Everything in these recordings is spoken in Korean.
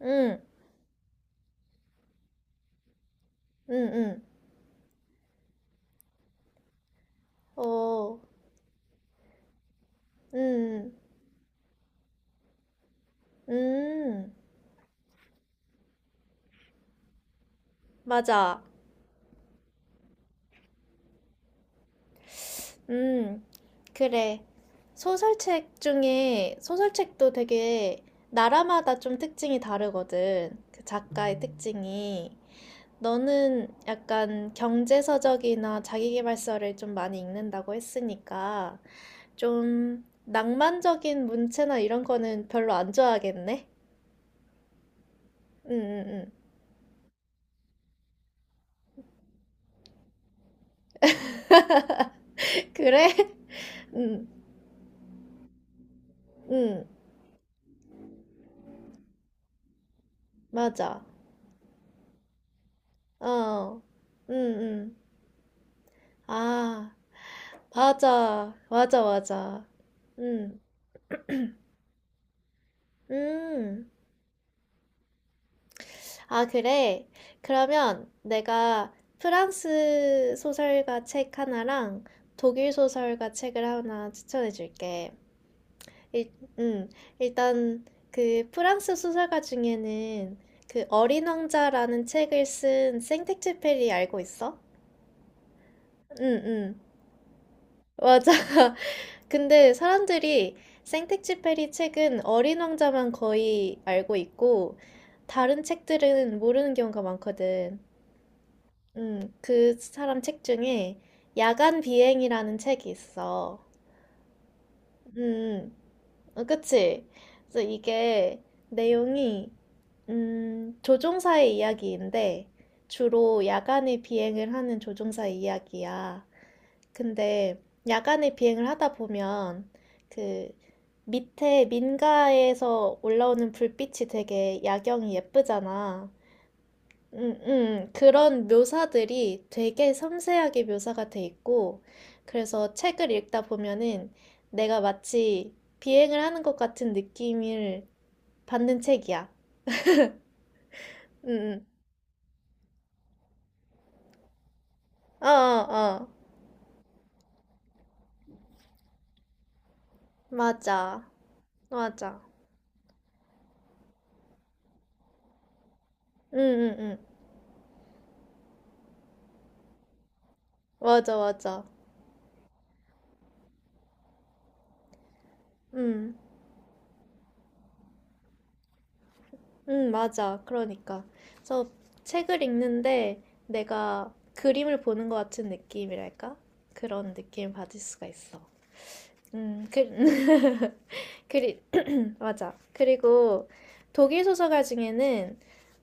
응, 응, 응. 어, 응, 응. 맞아. 응, 그래. 소설책도 되게 나라마다 좀 특징이 다르거든. 그 작가의 특징이. 너는 약간 경제서적이나 자기계발서를 좀 많이 읽는다고 했으니까, 좀 낭만적인 문체나 이런 거는 별로 안 좋아하겠네? 응, 응, 응. 그래? 응, 응. 맞아. 어, 응, 응. 아, 맞아. 맞아, 맞아. 응, 음. 아, 그래. 그러면 내가 프랑스 소설가 책 하나랑 독일 소설가 책을 하나 추천해 줄게. 일, 음, 일단 그 프랑스 소설가 중에는 그 어린 왕자라는 책을 쓴 생텍쥐페리 알고 있어? 응, 응. 맞아. 근데 사람들이 생텍쥐 페리 책은 어린 왕자만 거의 알고 있고 다른 책들은 모르는 경우가 많거든. 그 사람 책 중에 야간 비행이라는 책이 있어. 음, 그치? 그래서 이게 내용이 조종사의 이야기인데 주로 야간에 비행을 하는 조종사의 이야기야. 근데 야간에 비행을 하다 보면 그 밑에 민가에서 올라오는 불빛이 되게 야경이 예쁘잖아. 그런 묘사들이 되게 섬세하게 묘사가 돼 있고, 그래서 책을 읽다 보면은 내가 마치 비행을 하는 것 같은 느낌을 받는 책이야. 응, 응. 어, 어, 어. 맞아. 맞아. 응, 응, 응. 맞아, 맞아. 응. 응, 맞아. 그러니까. 그래서 책을 읽는데 내가 그림을 보는 것 같은 느낌이랄까? 그런 느낌을 받을 수가 있어. 음, 그, 그리, 맞아. 그리고 독일 소설가 중에는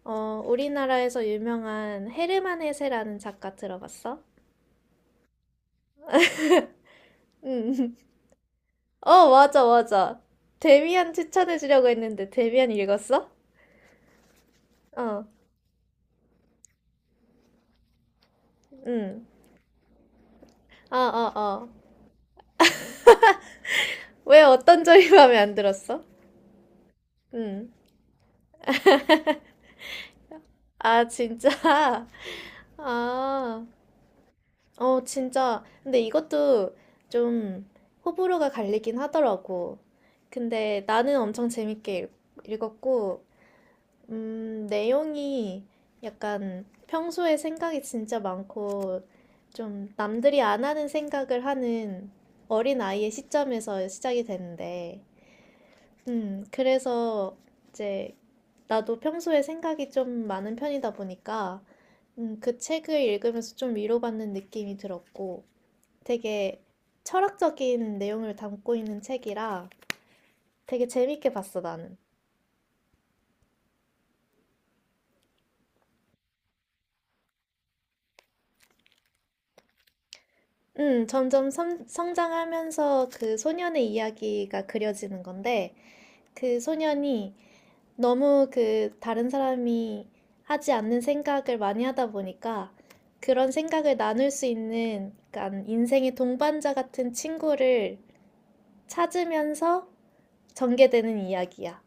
우리나라에서 유명한 헤르만 헤세라는 작가 들어봤어? 응. 어, 맞아, 맞아. 데미안 추천해주려고 했는데 데미안 읽었어? 어, 응. 아, 아, 아. 왜 어떤 점이 마음에 안 들었어? 응. 아, 진짜? 아, 진짜. 근데 이것도 좀 호불호가 갈리긴 하더라고. 근데 나는 엄청 재밌게 읽었고, 내용이 약간 평소에 생각이 진짜 많고, 좀 남들이 안 하는 생각을 하는 어린 아이의 시점에서 시작이 되는데, 그래서 이제 나도 평소에 생각이 좀 많은 편이다 보니까 그 책을 읽으면서 좀 위로받는 느낌이 들었고 되게 철학적인 내용을 담고 있는 책이라 되게 재밌게 봤어, 나는. 점점 성장하면서 그 소년의 이야기가 그려지는 건데 그 소년이 너무 그 다른 사람이 하지 않는 생각을 많이 하다 보니까 그런 생각을 나눌 수 있는 약간 인생의 동반자 같은 친구를 찾으면서 전개되는 이야기야.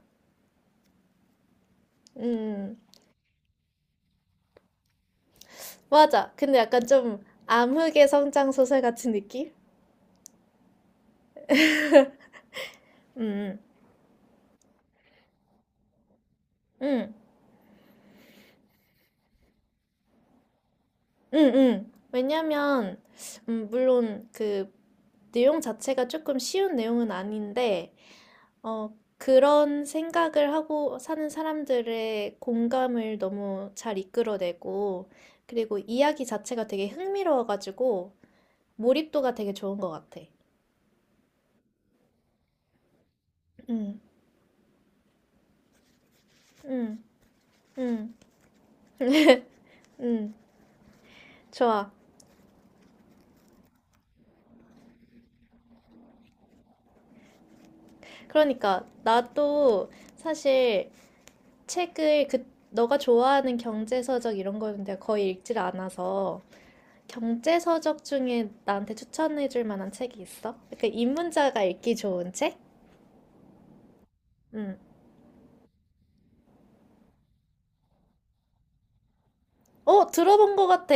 음, 맞아. 근데 약간 좀 암흑의 성장 소설 같은 느낌? 음, 음, 음. 왜냐면, 물론 그 내용 자체가 조금 쉬운 내용은 아닌데, 그런 생각을 하고 사는 사람들의 공감을 너무 잘 이끌어내고, 그리고 이야기 자체가 되게 흥미로워가지고, 몰입도가 되게 좋은 것 같아. 응, 응, 응, 응, 좋아. 그러니까, 나도 사실 책을 너가 좋아하는 경제서적 이런 거는 내가 거의 읽질 않아서, 경제서적 중에 나한테 추천해줄 만한 책이 있어? 그러니까 입문자가 읽기 좋은 책? 응. 어, 들어본 것 같아.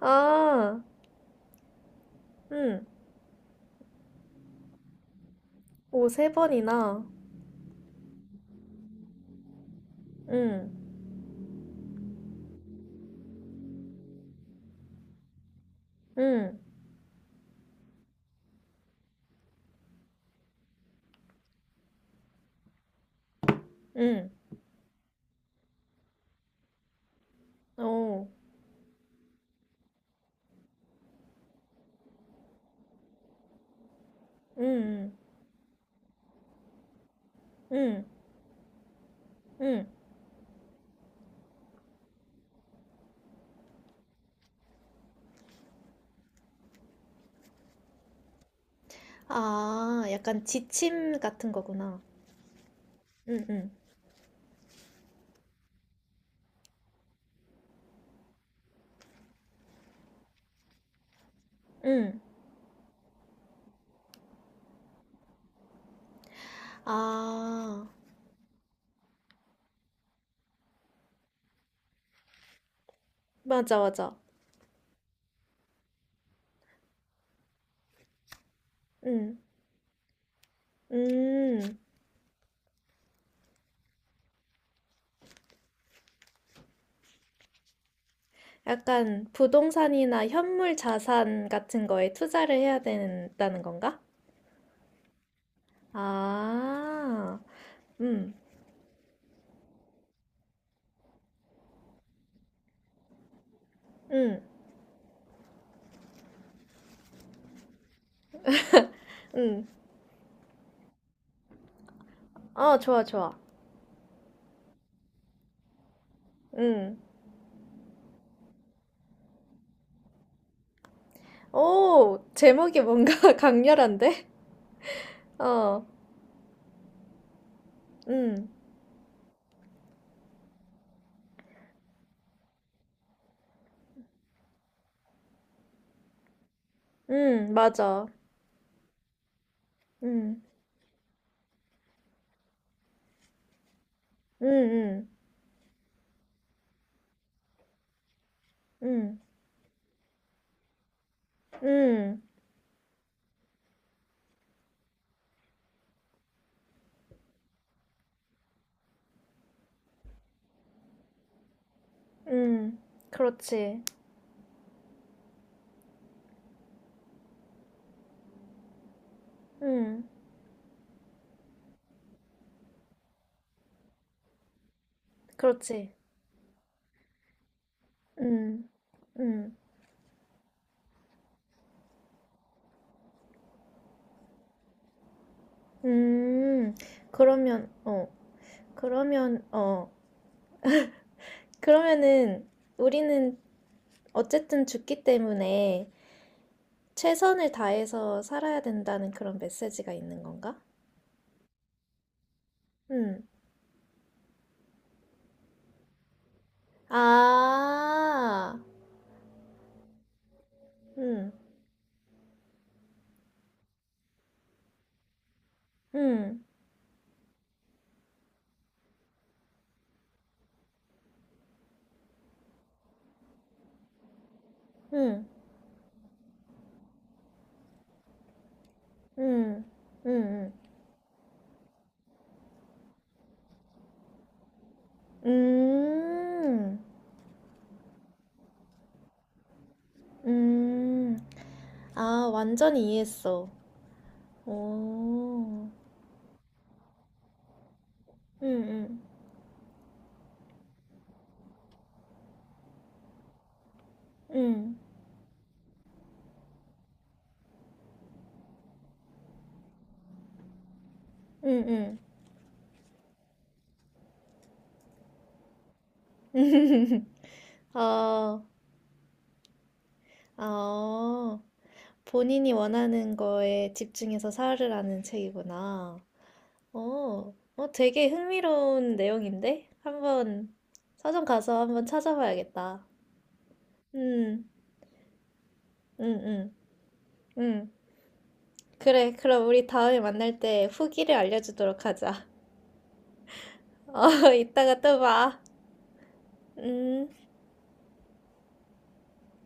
아, 응. 오, 세 번이나. 응, 응, 응. 오, 응, 응, 응, 응. 아, 약간 지침 같은 거구나. 응, 응, 응. 아, 맞아, 맞아. 응, 음. 약간 부동산이나 현물 자산 같은 거에 투자를 해야 된다는 건가? 아, 응, 응, 응. 어, 좋아, 좋아. 응. 오, 제목이 뭔가 강렬한데? 어, 음, 맞아. 음, 음, 음, 음, 음, 음, 그렇지. 음, 그렇지. 음, 음, 음, 그러면, 어, 그러면, 어, 그러면은 우리는 어쨌든 죽기 때문에 최선을 다해서 살아야 된다는 그런 메시지가 있는 건가? 음, 아, 음, 음. 응, 응, 응, 응. 음. 아, 완전히 이해했어. 오, 응, 응, 응, 응, 응. 어, 어, 본인이 원하는 거에 집중해서 살으라는 책이구나. 어, 되게 흥미로운 내용인데? 한번 서점 가서 한번 찾아봐야겠다. 응, 응, 응, 응. 그래, 그럼 우리 다음에 만날 때 후기를 알려주도록 하자. 이따가 또 봐. 음.